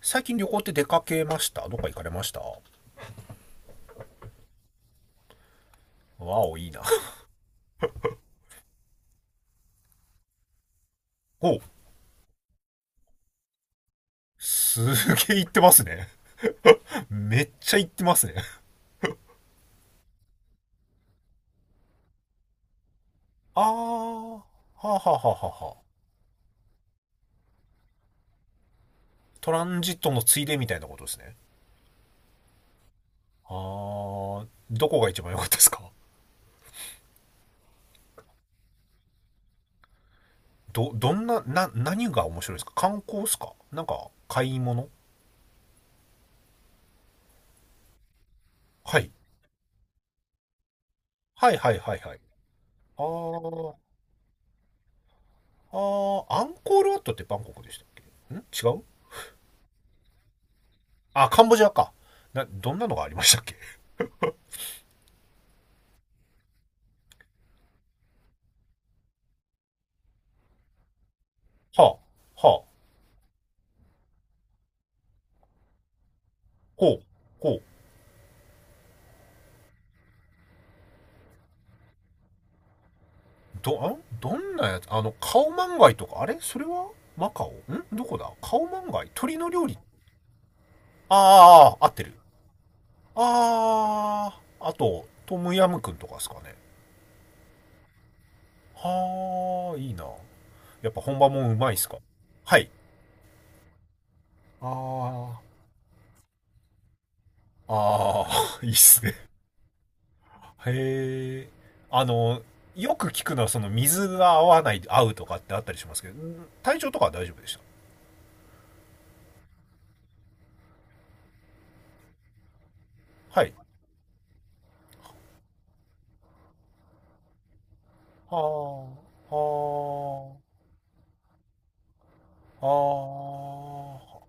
最近旅行って出かけました？どっか行かれましたわ？お、いいな。お、すげえ行ってますね。めっちゃ行ってますね。はあ、はあはあはあはあは。トランジットのついでみたいなことですね。どこが一番良かったですか？ど、どんな、何が面白いですか？観光ですか？なんか、買い物？はい。はいはいはいはい。あー、アンコールワットってバンコクでしたっけ？ん、違う？あ、カンボジアか。どんなのがありましたっけ？はあ、はあ。ほう。ほう。どんなやつ、カオマンガイとか、あれ、それはマカオ？ん、どこだ、カオマンガイ、鳥の料理？ああ、合ってる。ああ、あと、トムヤムくんとかですかね。はあ、いいな。やっぱ本場もうまいっすか？はい。あああ、いいっすね。へえ。あの、よく聞くのはその水が合わない、合うとかってあったりしますけど、体調とかは大丈夫でした？はい。はあ、はあ。あー、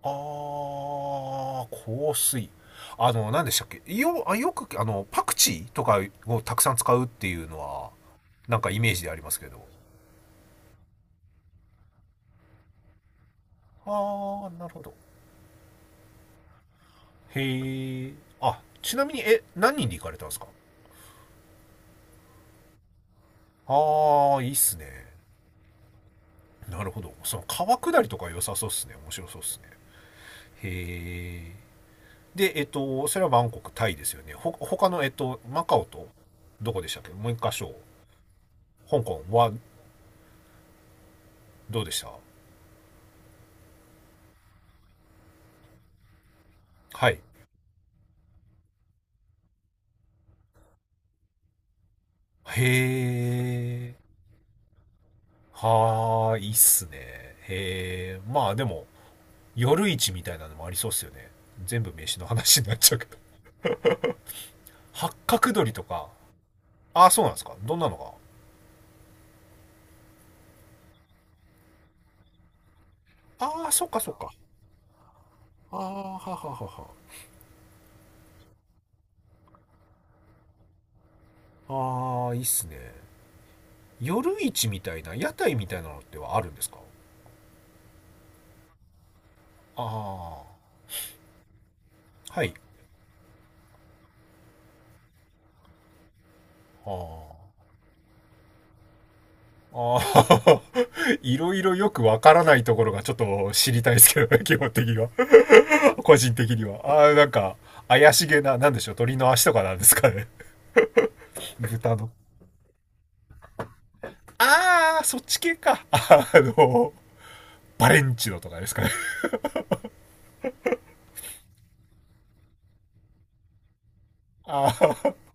香水。あの、何でしたっけよ、あ、よく、パクチーとかをたくさん使うっていうのは、なんかイメージでありますけど。ああ、なるほど。へえ。あ、ちなみに、何人で行かれたんですか？ああ、いいっすね。なるほど。その川下りとか良さそうっすね。面白そうっすね。へえ。で、それはバンコク、タイですよね。他の、マカオと、どこでしたっけ？もう一箇所。香港はどうでした？はい。へえ。はーい、いいっすね。へえ。まあでも、夜市みたいなのもありそうっすよね。全部飯の話になっちゃうけど。八角鳥とか。ああ、そうなんですか。どんなのが。ああ、そっかそっか。ああ、はははは。ああ、いいっすね。夜市みたいな、屋台みたいなのってはあるんですか？ああー、はい。ああ。ああ、いろいろよくわからないところがちょっと知りたいですけどね、基本的には。個人的には。ああ、なんか、怪しげな、なんでしょう、鳥の足とかなんですかね。豚の。ああ、そっち系か。の、バレンチノとかですかね。あ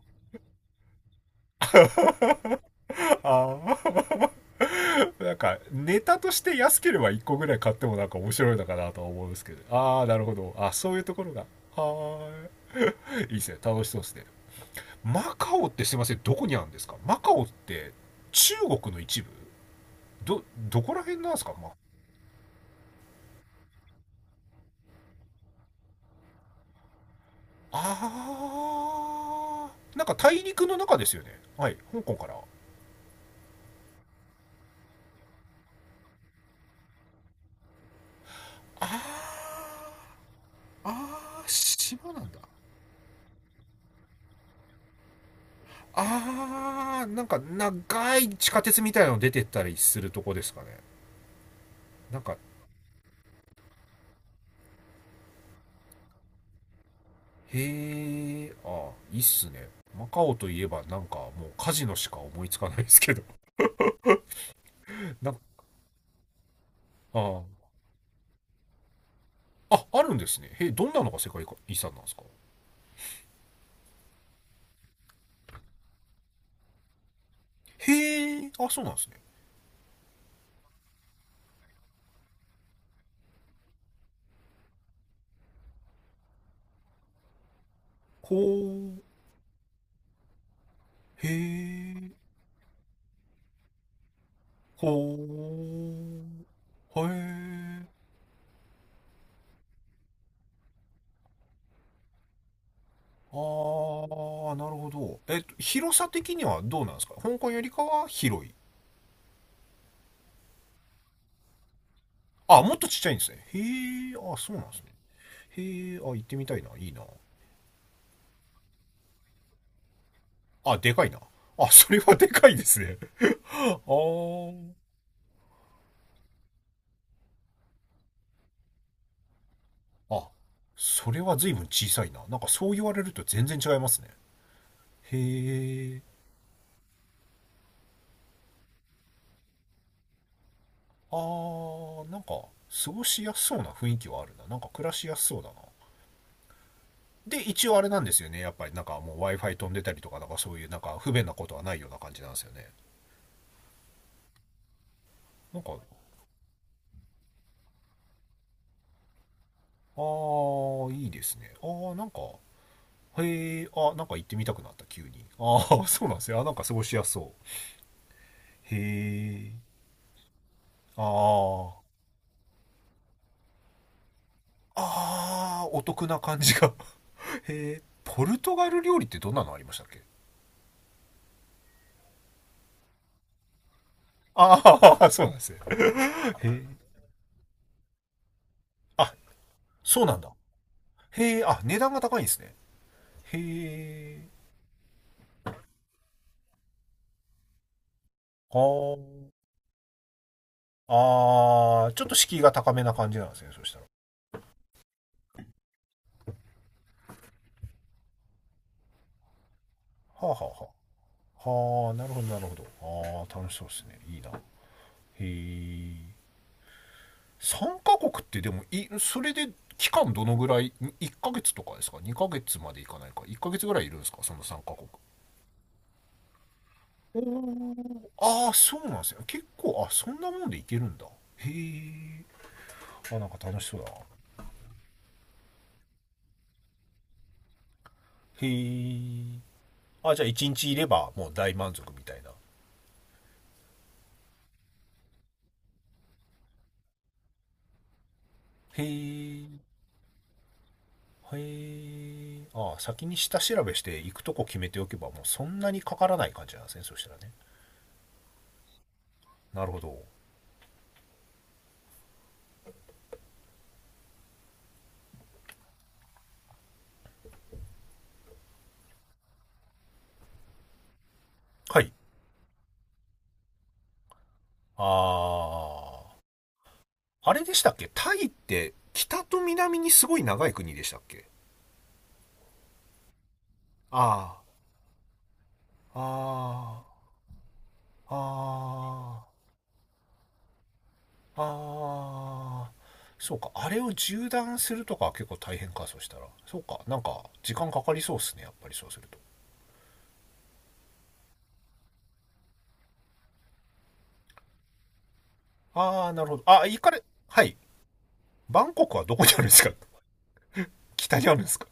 あ、あ、なんか、ネタとして安ければ1個ぐらい買ってもなんか面白いのかなとは思うんですけど。ああ、なるほど。あ、そういうところが。はーい。いいですね。楽しそうですね。マカオってすいません、どこにあるんですかマカオって？中国の一部？どこら辺なんですかマ。あなんか大陸の中ですよね？はい、香港から？あーあ、ー島なんだ。なんか長い地下鉄みたいなの出てったりするとこですかね？なんか。へー、あー、いいっすね。マカオといえばなんかもうカジノしか思いつかないですけど。 なんか、あー、あ、あるんですね？へー、どんなのが世界遺産なんですか？へー、あ、そうなんですね。こう。へー、ほー。へえ。なるほど。広さ的にはどうなんですか？香港よりかは広い？あ、もっとちっちゃいんですね。へえ、あ、そうなんですね。へえ、あ、行ってみたいな。いいな。あ、でかいな。あ、それはでかいですね。あー。あ、それは随分小さいな。なんかそう言われると全然違いますね。へえ。なんか過ごしやすそうな雰囲気はあるな。なんか暮らしやすそうだな。で、一応あれなんですよね。やっぱりなんかもう Wi-Fi 飛んでたりとか、なんかそういうなんか不便なことはないような感じなんですよね。なんか、いいですね。へなんか行ってみたくなった、急に。そうなんですよ。なんか過ごしやすそう。へー、あー、お得な感じが。へー、ポルトガル料理ってどんなのありましたっけ？そうなんですね。へー、あ、そうなんだ。へー、あ、値段が高いんですね。へー、あー。ああ、ちょっと敷居が高めな感じなんですね、そしたら。はあはあはあ。はあ、なるほど、なるほど。ああ、楽しそうですね。いいな。へえ。3カ国ってでも、それで期間どのぐらい？ 1 ヶ月とかですか？ 2 ヶ月までいかないか。1ヶ月ぐらいいるんですかその3カ国。おー。ああ、そうなんですよ。結構、あ、そんなもんでいけるんだ。へえ。あ、なんか楽しそうだな。へえ。あ、じゃあ1日いればもう大満足みたいな。へえ。へえ、ああ、先に下調べして行くとこ決めておけばもうそんなにかからない感じなんですねそしたらね。なるほど。はい。ああ、あれでしたっけ？タイって北と南にすごい長い国でしたっけ？ああ、ああ、ああ、ああ。そうか、あれを縦断するとかは結構大変か、そうしたら。そうか、なんか時間かかりそうっすねやっぱりそうすると。ああ、なるほど。あ、行かれ。はい。バンコクはどこにあるんですか？ 北にあるんですか？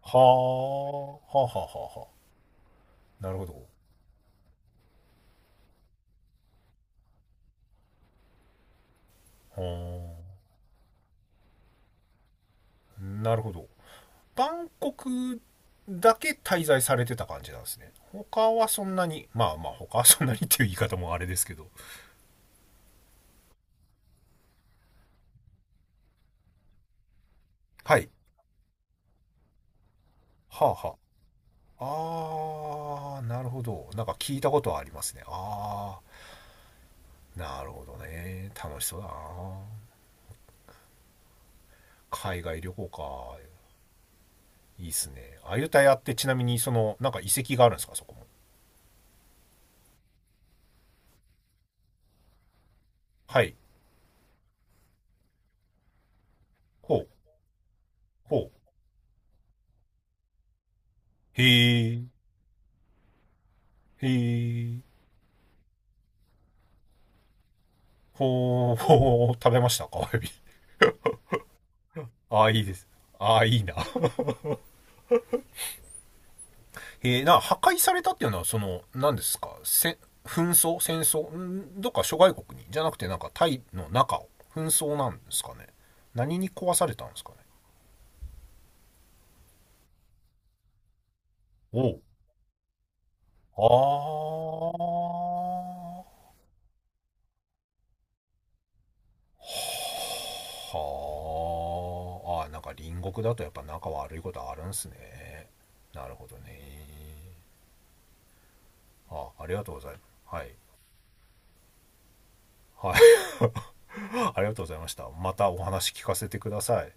はあ、はあはあはあはあ。なるほど。はあ、なるほど。バンコクだけ滞在されてた感じなんですね。他はそんなに、まあまあ他はそんなにっていう言い方もあれですけど。はい。はあはあ。なるほど。なんか聞いたことはありますね。なるほどね。楽しそうだな。海外旅行か。いいっすね。アユタヤってちなみにその、なんか遺跡があるんですか、そこも。はい。ほう、ほう。へえ、へえ。ほー、ほー、食べましたか、エビ。ああ、いいです。ああ、いいな。破壊されたっていうのは、その、何ですか、紛争？戦争？ん、どっか諸外国にじゃなくて、なんか、タイの中を、紛争なんですかね。何に壊されたんですかね。おう。あー、はー、あー、なんか隣国だとやっぱ仲悪いことあるんすね。なるほどね。あ、ありがとうございます。はい。はい。ありがとうございました。またお話聞かせてください。